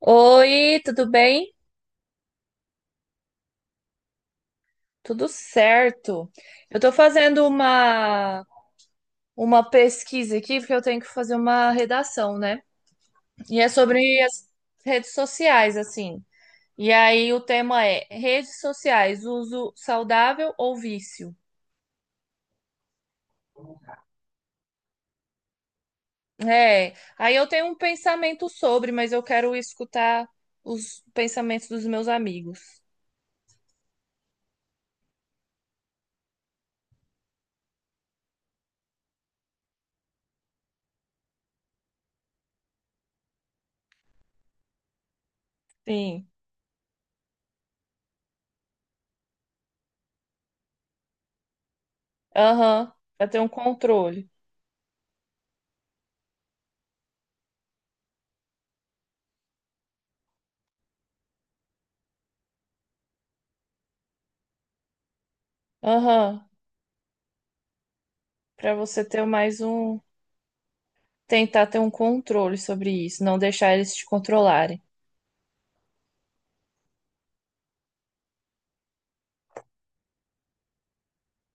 Oi, tudo bem? Tudo certo. Eu tô fazendo uma pesquisa aqui porque eu tenho que fazer uma redação, né? E é sobre as redes sociais, assim. E aí o tema é redes sociais, uso saudável ou vício? É. Aí eu tenho um pensamento sobre, mas eu quero escutar os pensamentos dos meus amigos. Sim. Aham. Pra ter um controle. Aham. Pra você ter mais um tentar ter um controle sobre isso, não deixar eles te controlarem.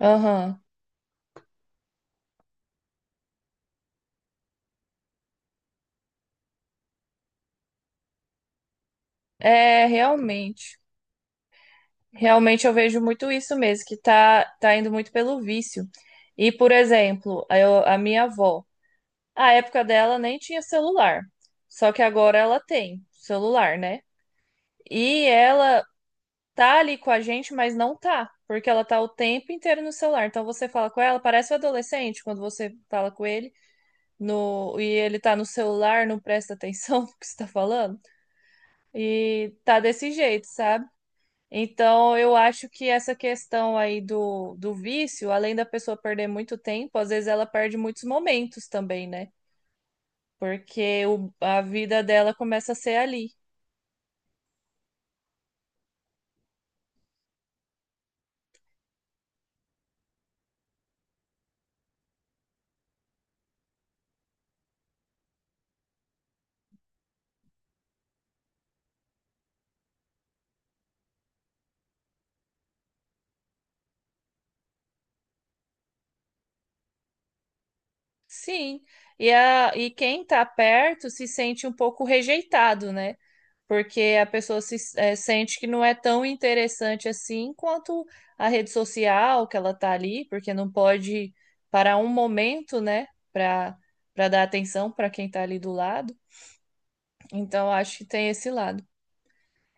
Aham. É, realmente. Realmente eu vejo muito isso mesmo, que tá, tá indo muito pelo vício. E, por exemplo, a minha avó, a época dela nem tinha celular. Só que agora ela tem celular, né? E ela tá ali com a gente, mas não tá, porque ela tá o tempo inteiro no celular. Então você fala com ela, parece um adolescente quando você fala com ele. No, e ele tá no celular, não presta atenção no que você tá falando, e tá desse jeito, sabe? Então, eu acho que essa questão aí do, do vício, além da pessoa perder muito tempo, às vezes ela perde muitos momentos também, né? Porque a vida dela começa a ser ali. Sim. E, e quem tá perto se sente um pouco rejeitado, né? Porque a pessoa se sente que não é tão interessante assim quanto a rede social que ela está ali, porque não pode parar um momento, né, para para dar atenção para quem está ali do lado. Então acho que tem esse lado.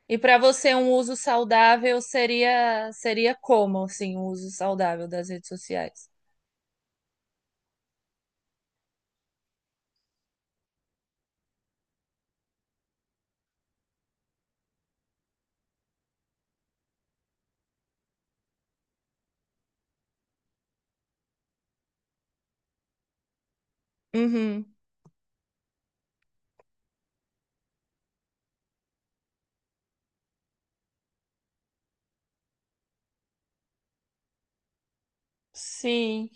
E para você um uso saudável seria seria como assim, um uso saudável das redes sociais? Uhum, sim.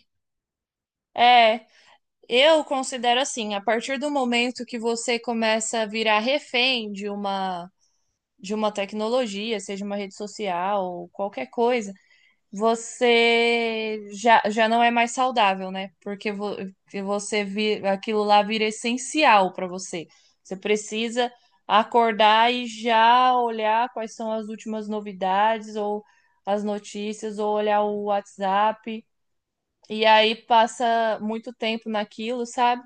É, eu considero assim, a partir do momento que você começa a virar refém de uma tecnologia, seja uma rede social, ou qualquer coisa, você já não é mais saudável, né? Porque aquilo lá vira essencial para você. Você precisa acordar e já olhar quais são as últimas novidades ou as notícias, ou olhar o WhatsApp. E aí passa muito tempo naquilo, sabe?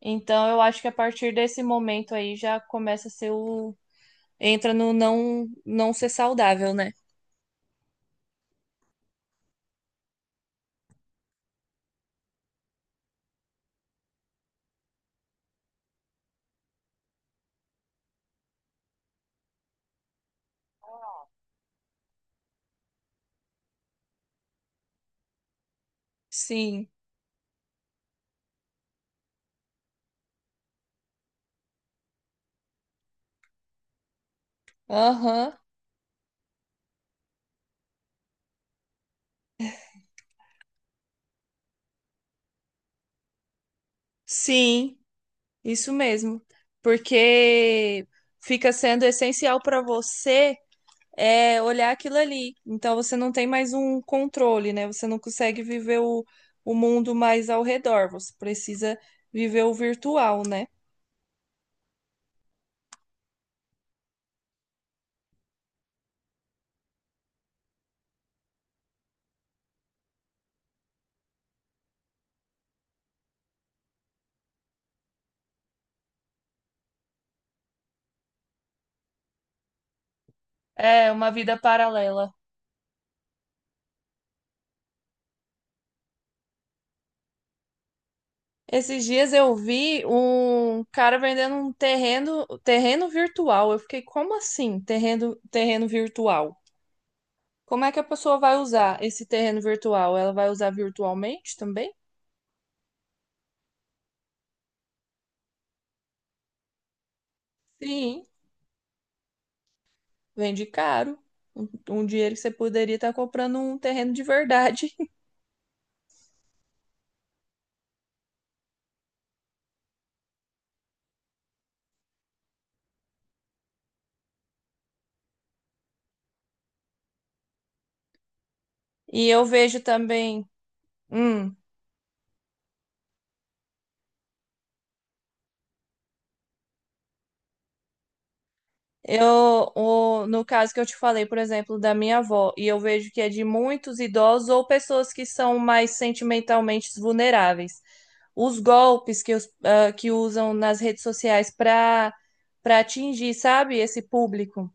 Então eu acho que a partir desse momento aí já começa a ser o entra no não ser saudável, né? Sim. Aham. Sim, isso mesmo. Porque fica sendo essencial para você é olhar aquilo ali. Então você não tem mais um controle, né? Você não consegue viver o mundo mais ao redor. Você precisa viver o virtual, né? É uma vida paralela. Esses dias eu vi um cara vendendo um terreno virtual. Eu fiquei, como assim, terreno virtual? Como é que a pessoa vai usar esse terreno virtual? Ela vai usar virtualmente também? Sim, vende caro. Um dinheiro que você poderia estar comprando um terreno de verdade. E eu vejo também. Hum. Eu, no caso que eu te falei, por exemplo, da minha avó, e eu vejo que é de muitos idosos ou pessoas que são mais sentimentalmente vulneráveis. Os golpes que usam nas redes sociais para para atingir, sabe, esse público.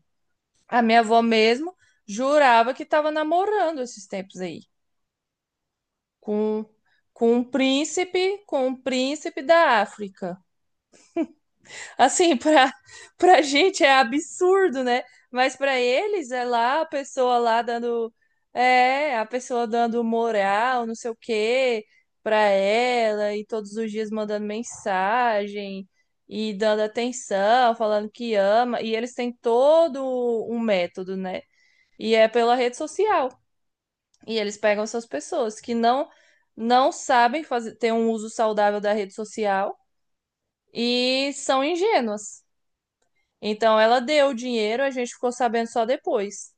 A minha avó mesmo jurava que estava namorando esses tempos aí, com, com um com um príncipe da África. Assim, pra gente é absurdo, né? Mas pra eles é lá a pessoa lá dando. É, a pessoa dando moral, não sei o quê, pra ela, e todos os dias mandando mensagem e dando atenção, falando que ama. E eles têm todo um método, né? E é pela rede social. E eles pegam essas pessoas que não sabem fazer, ter um uso saudável da rede social e são ingênuas. Então ela deu o dinheiro, a gente ficou sabendo só depois.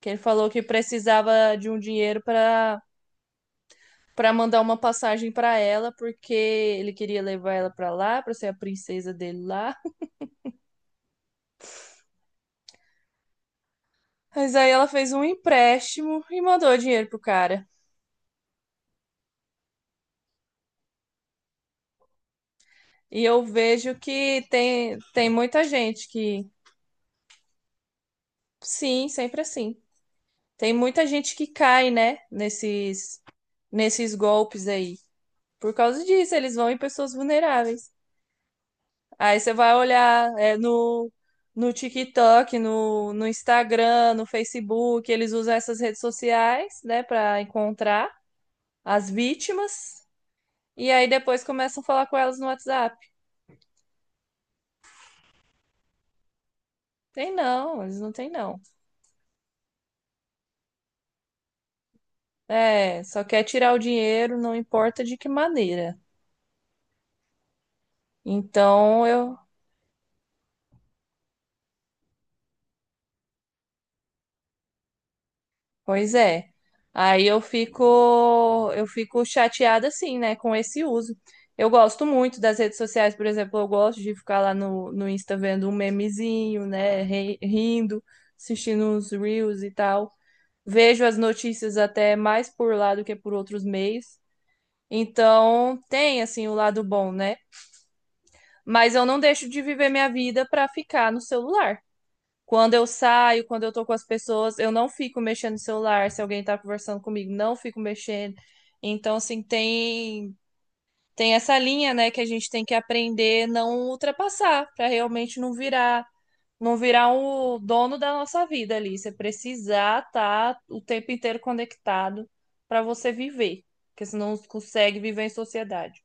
Que ele falou que precisava de um dinheiro para para mandar uma passagem para ela, porque ele queria levar ela para lá, para ser a princesa dele lá. Mas aí ela fez um empréstimo e mandou o dinheiro pro cara. E eu vejo que tem tem muita gente que sim, sempre assim. Tem muita gente que cai, né, nesses nesses golpes aí. Por causa disso, eles vão em pessoas vulneráveis. Aí você vai olhar no TikTok, no Instagram, no Facebook, eles usam essas redes sociais, né, para encontrar as vítimas. E aí depois começam a falar com elas no WhatsApp. Tem não, eles não têm não. É, só quer tirar o dinheiro, não importa de que maneira. Então eu pois é. Aí eu fico chateada assim, né, com esse uso. Eu gosto muito das redes sociais, por exemplo, eu gosto de ficar lá no Insta vendo um memezinho, né, rindo, assistindo uns reels e tal. Vejo as notícias até mais por lá do que por outros meios. Então, tem assim o lado bom, né? Mas eu não deixo de viver minha vida para ficar no celular. Quando eu saio, quando eu tô com as pessoas, eu não fico mexendo no celular. Se alguém tá conversando comigo, não fico mexendo. Então, tem essa linha, né, que a gente tem que aprender não ultrapassar, pra realmente não virar, não virar o dono da nossa vida ali. Você precisar estar o tempo inteiro conectado pra você viver, porque senão você não consegue viver em sociedade.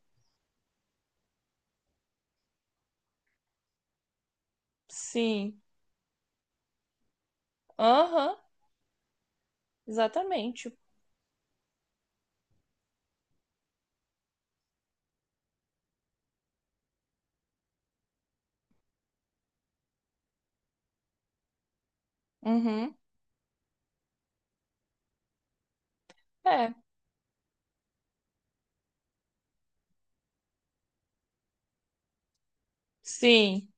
Sim. Aham, exatamente. Uhum. É. Sim.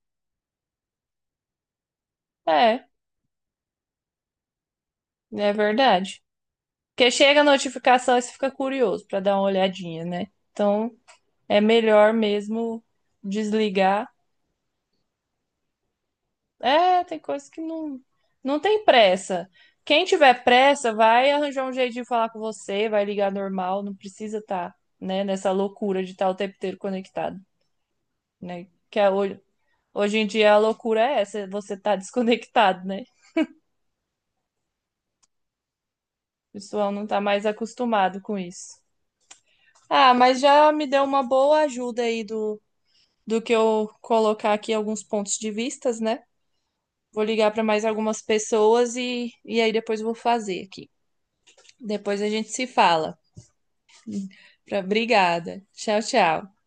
É, é verdade. Porque chega a notificação e você fica curioso para dar uma olhadinha, né? Então é melhor mesmo desligar. É, tem coisas que não, não tem pressa. Quem tiver pressa vai arranjar um jeito de falar com você, vai ligar normal, não precisa estar, né, nessa loucura de estar o tempo inteiro conectado, né? Que hoje em dia a loucura é essa, você tá desconectado, né? O pessoal não tá mais acostumado com isso. Ah, mas já me deu uma boa ajuda aí do que eu colocar aqui alguns pontos de vistas, né? Vou ligar para mais algumas pessoas e aí depois vou fazer aqui. Depois a gente se fala. Obrigada. Tchau, tchau.